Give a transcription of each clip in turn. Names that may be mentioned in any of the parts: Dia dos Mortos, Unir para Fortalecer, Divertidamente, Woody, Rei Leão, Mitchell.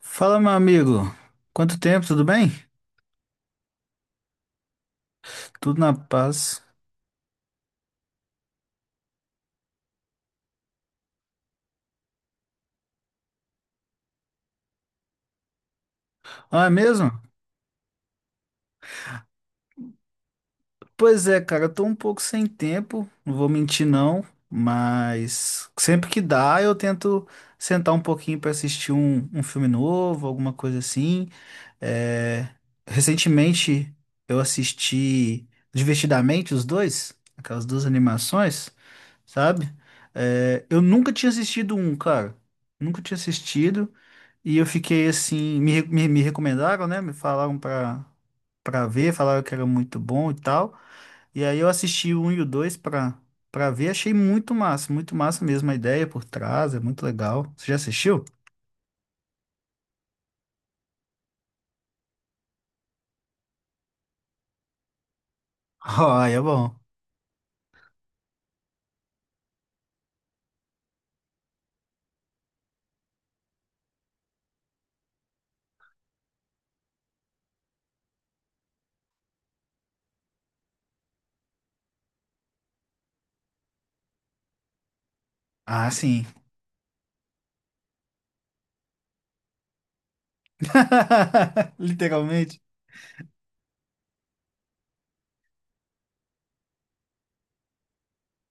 Fala, meu amigo. Quanto tempo, tudo bem? Tudo na paz. Ah, é mesmo? Pois é, cara, eu tô um pouco sem tempo, não vou mentir não, mas sempre que dá eu tento sentar um pouquinho pra assistir um filme novo, alguma coisa assim. É, Recentemente eu assisti Divertidamente os dois, aquelas duas animações, sabe? Eu nunca tinha assistido um, cara. Nunca tinha assistido. E eu fiquei assim, me recomendaram, né? Me falaram pra ver, falaram que era muito bom e tal. E aí eu assisti o 1 e o 2 pra ver, achei muito massa mesmo a ideia por trás, é muito legal. Você já assistiu? Oh, aí é bom. Ah, sim. Literalmente.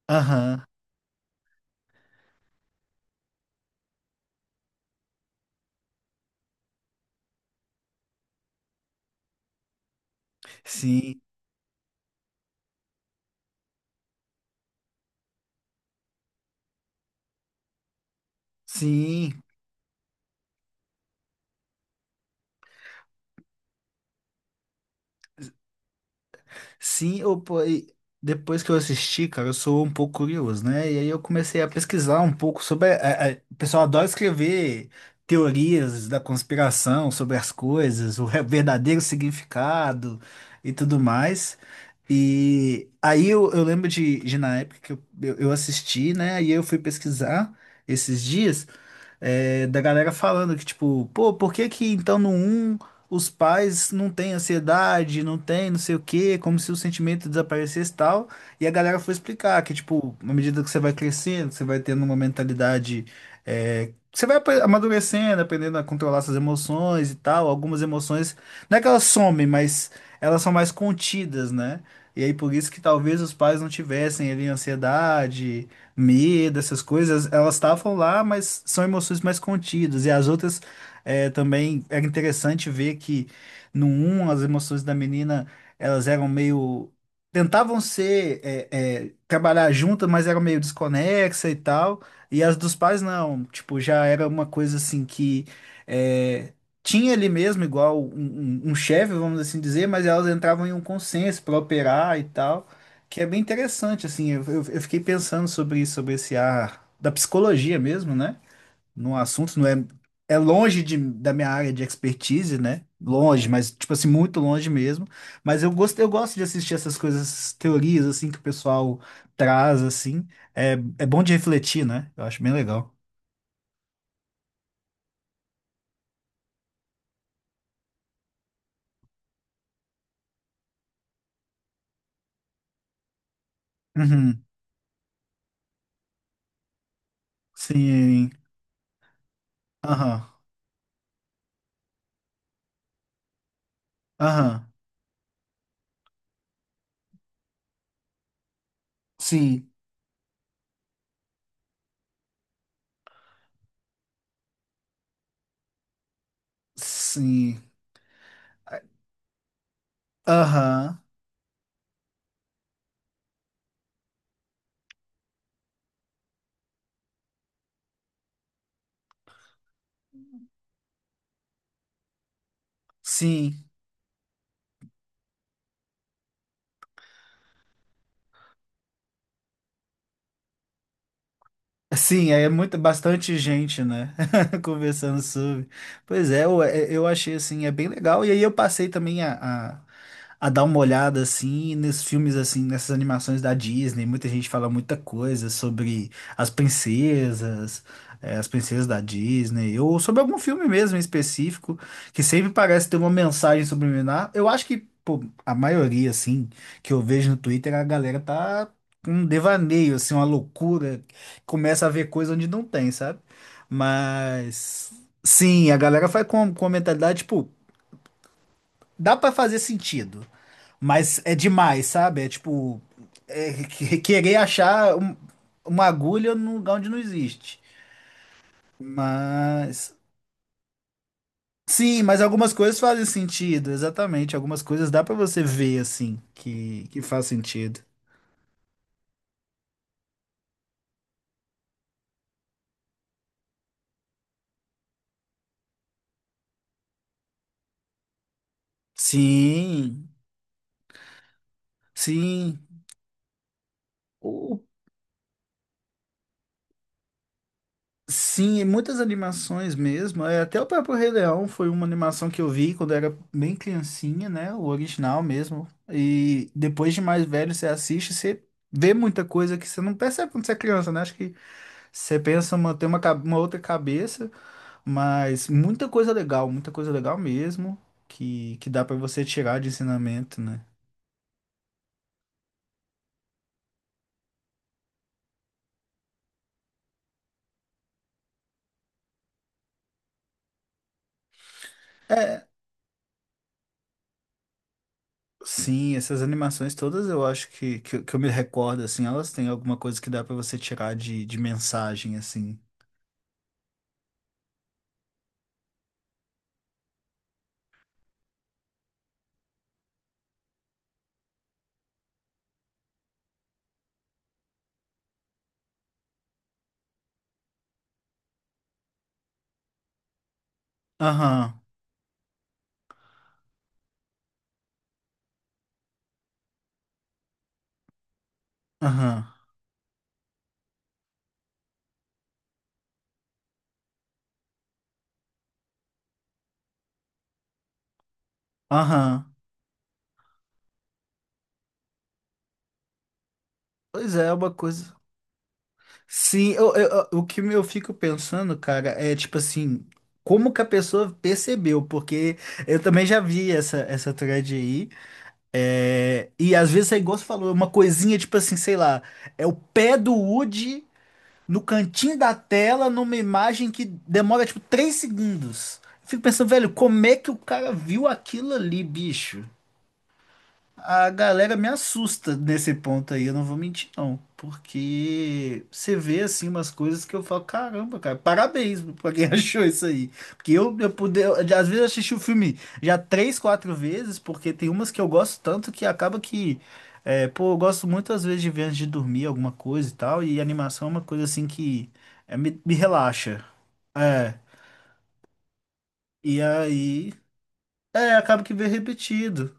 Aham. Sim, sim. Sim, eu, pô, e depois que eu assisti, cara, eu sou um pouco curioso, né? E aí eu comecei a pesquisar um pouco sobre. O pessoal adora escrever teorias da conspiração sobre as coisas, o verdadeiro significado e tudo mais. E aí eu lembro de na época que eu assisti, né? E eu fui pesquisar esses dias da galera falando que, tipo, pô, por que que então no um os pais não têm ansiedade, não tem não sei o quê, como se o sentimento desaparecesse e tal. E a galera foi explicar que, tipo, à medida que você vai crescendo, você vai tendo uma mentalidade. Você vai amadurecendo, aprendendo a controlar suas emoções e tal. Algumas emoções, não é que elas somem, mas elas são mais contidas, né? E aí por isso que talvez os pais não tivessem ali ansiedade, medo, essas coisas, elas estavam lá, mas são emoções mais contidas. E as outras também era interessante ver que no um as emoções da menina elas eram meio. Tentavam ser, trabalhar juntas, mas eram meio desconexa e tal. E as dos pais não, tipo, já era uma coisa assim que é, tinha ali mesmo, igual um, um chefe, vamos assim dizer, mas elas entravam em um consenso para operar e tal. Que é bem interessante, assim, eu, eu fiquei pensando sobre isso, sobre esse ar da psicologia mesmo, né? No assunto, não é, é longe da minha área de expertise, né? Longe, mas, tipo assim, muito longe mesmo. Mas eu gosto de assistir essas coisas, essas teorias, assim, que o pessoal traz, assim. É, é bom de refletir, né? Eu acho bem legal. Uhum, sim, aham, aham, sim, sim, aham, sim. Sim, é muito, bastante gente, né? Conversando sobre. Pois é, eu achei assim, é bem legal. E aí eu passei também a dar uma olhada assim nesses filmes assim, nessas animações da Disney. Muita gente fala muita coisa sobre as princesas, eh, as princesas da Disney, ou sobre algum filme mesmo em específico, que sempre parece ter uma mensagem subliminar. Eu acho que, pô, a maioria, assim, que eu vejo no Twitter, a galera tá com um devaneio, assim, uma loucura começa a ver coisa onde não tem, sabe? Mas sim, a galera vai com a mentalidade, tipo, dá pra fazer sentido, mas é demais, sabe? É tipo, é querer achar uma agulha num lugar onde não existe. Mas sim, mas algumas coisas fazem sentido, exatamente. Algumas coisas dá pra você ver assim que faz sentido. Sim, sim. O Sim, e muitas animações mesmo. É, até o próprio Rei Leão foi uma animação que eu vi quando era bem criancinha, né? O original mesmo. E depois de mais velho, você assiste, você vê muita coisa que você não percebe quando você é criança, né? Acho que você pensa, uma, tem uma, uma outra cabeça, mas muita coisa legal mesmo, que dá pra você tirar de ensinamento, né? É, Sim, essas animações todas eu acho eu que eu me recordo, assim, elas têm alguma coisa que dá pra você tirar de mensagem, assim. Aham, aham, aham. Pois é, é uma coisa. Sim, eu, o que eu fico pensando, cara, é tipo assim, como que a pessoa percebeu? Porque eu também já vi essa, essa thread aí. É, e às vezes é igual você falou, é uma coisinha tipo assim, sei lá, é o pé do Woody no cantinho da tela, numa imagem que demora tipo 3 segundos. Fico pensando, velho, como é que o cara viu aquilo ali, bicho? A galera me assusta nesse ponto aí, eu não vou mentir, não. Porque você vê assim umas coisas que eu falo, caramba, cara, parabéns pra quem achou isso aí. Porque eu poder, às vezes eu assisti o filme já três, quatro vezes, porque tem umas que eu gosto tanto que acaba que, é, pô, eu gosto muitas vezes de ver antes de dormir alguma coisa e tal, e animação é uma coisa assim que é, me relaxa. É, e aí, é, acaba que vê repetido.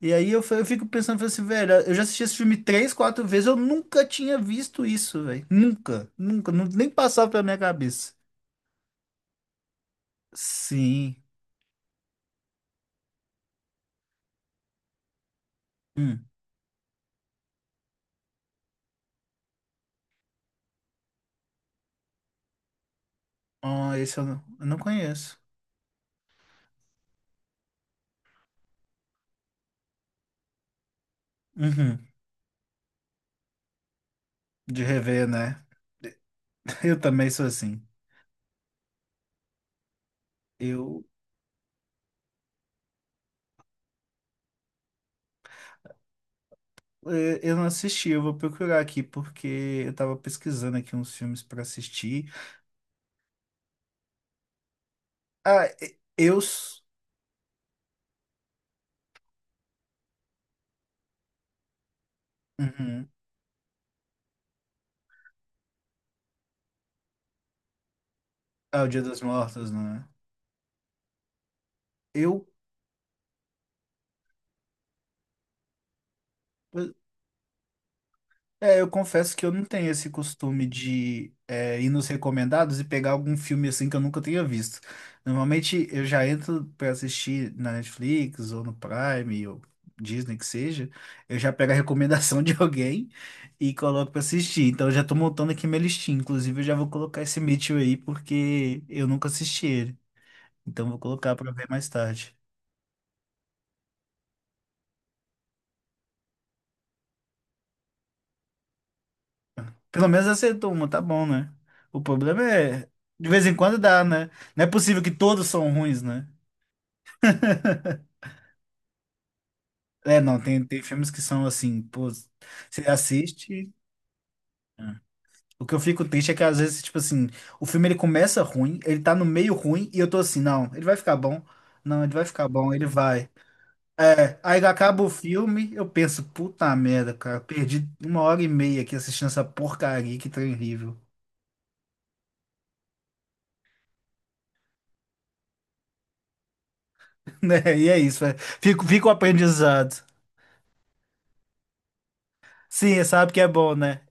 E aí eu, eu fico pensando, falei assim, velho, eu já assisti esse filme três, quatro vezes, eu nunca tinha visto isso, velho. Nunca, nunca, nem passava pela minha cabeça. Sim. Hum. Ah, esse eu não conheço. Uhum. De rever, né? Eu também sou assim. Eu, eu não assisti, eu vou procurar aqui, porque eu tava pesquisando aqui uns filmes pra assistir. Ah, eu. S- Uhum. Ah, o Dia dos Mortos, né? Eu. É, eu confesso que eu não tenho esse costume de é, ir nos recomendados e pegar algum filme assim que eu nunca tenha visto. Normalmente eu já entro pra assistir na Netflix ou no Prime ou Disney que seja, eu já pego a recomendação de alguém e coloco pra assistir. Então eu já tô montando aqui minha listinha. Inclusive eu já vou colocar esse Mitchell aí porque eu nunca assisti ele. Então eu vou colocar pra ver mais tarde. Pelo menos acertou uma, tá bom, né? O problema é, de vez em quando dá, né? Não é possível que todos são ruins, né? É, não, tem, tem filmes que são assim, pô, você assiste. O que eu fico triste é que às vezes, tipo assim, o filme ele começa ruim, ele tá no meio ruim, e eu tô assim, não, ele vai ficar bom. Não, ele vai ficar bom, ele vai. É, aí acaba o filme, eu penso, puta merda, cara, perdi uma hora e meia aqui assistindo essa porcaria, que trem horrível. Né? E é isso, é. Fica, fica o aprendizado. Sim, sabe que é bom, né?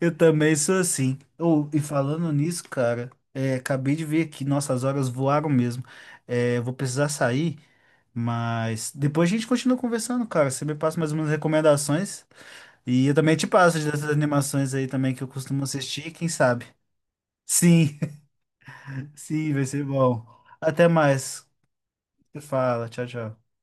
Eu também sou assim. Ô, e falando nisso, cara, é, acabei de ver aqui, nossas horas voaram mesmo. É, vou precisar sair, mas depois a gente continua conversando, cara. Você me passa mais umas recomendações e eu também te passo dessas animações aí também que eu costumo assistir, quem sabe? Sim, sim, vai ser bom. Até mais. Você fala, tchau, tchau.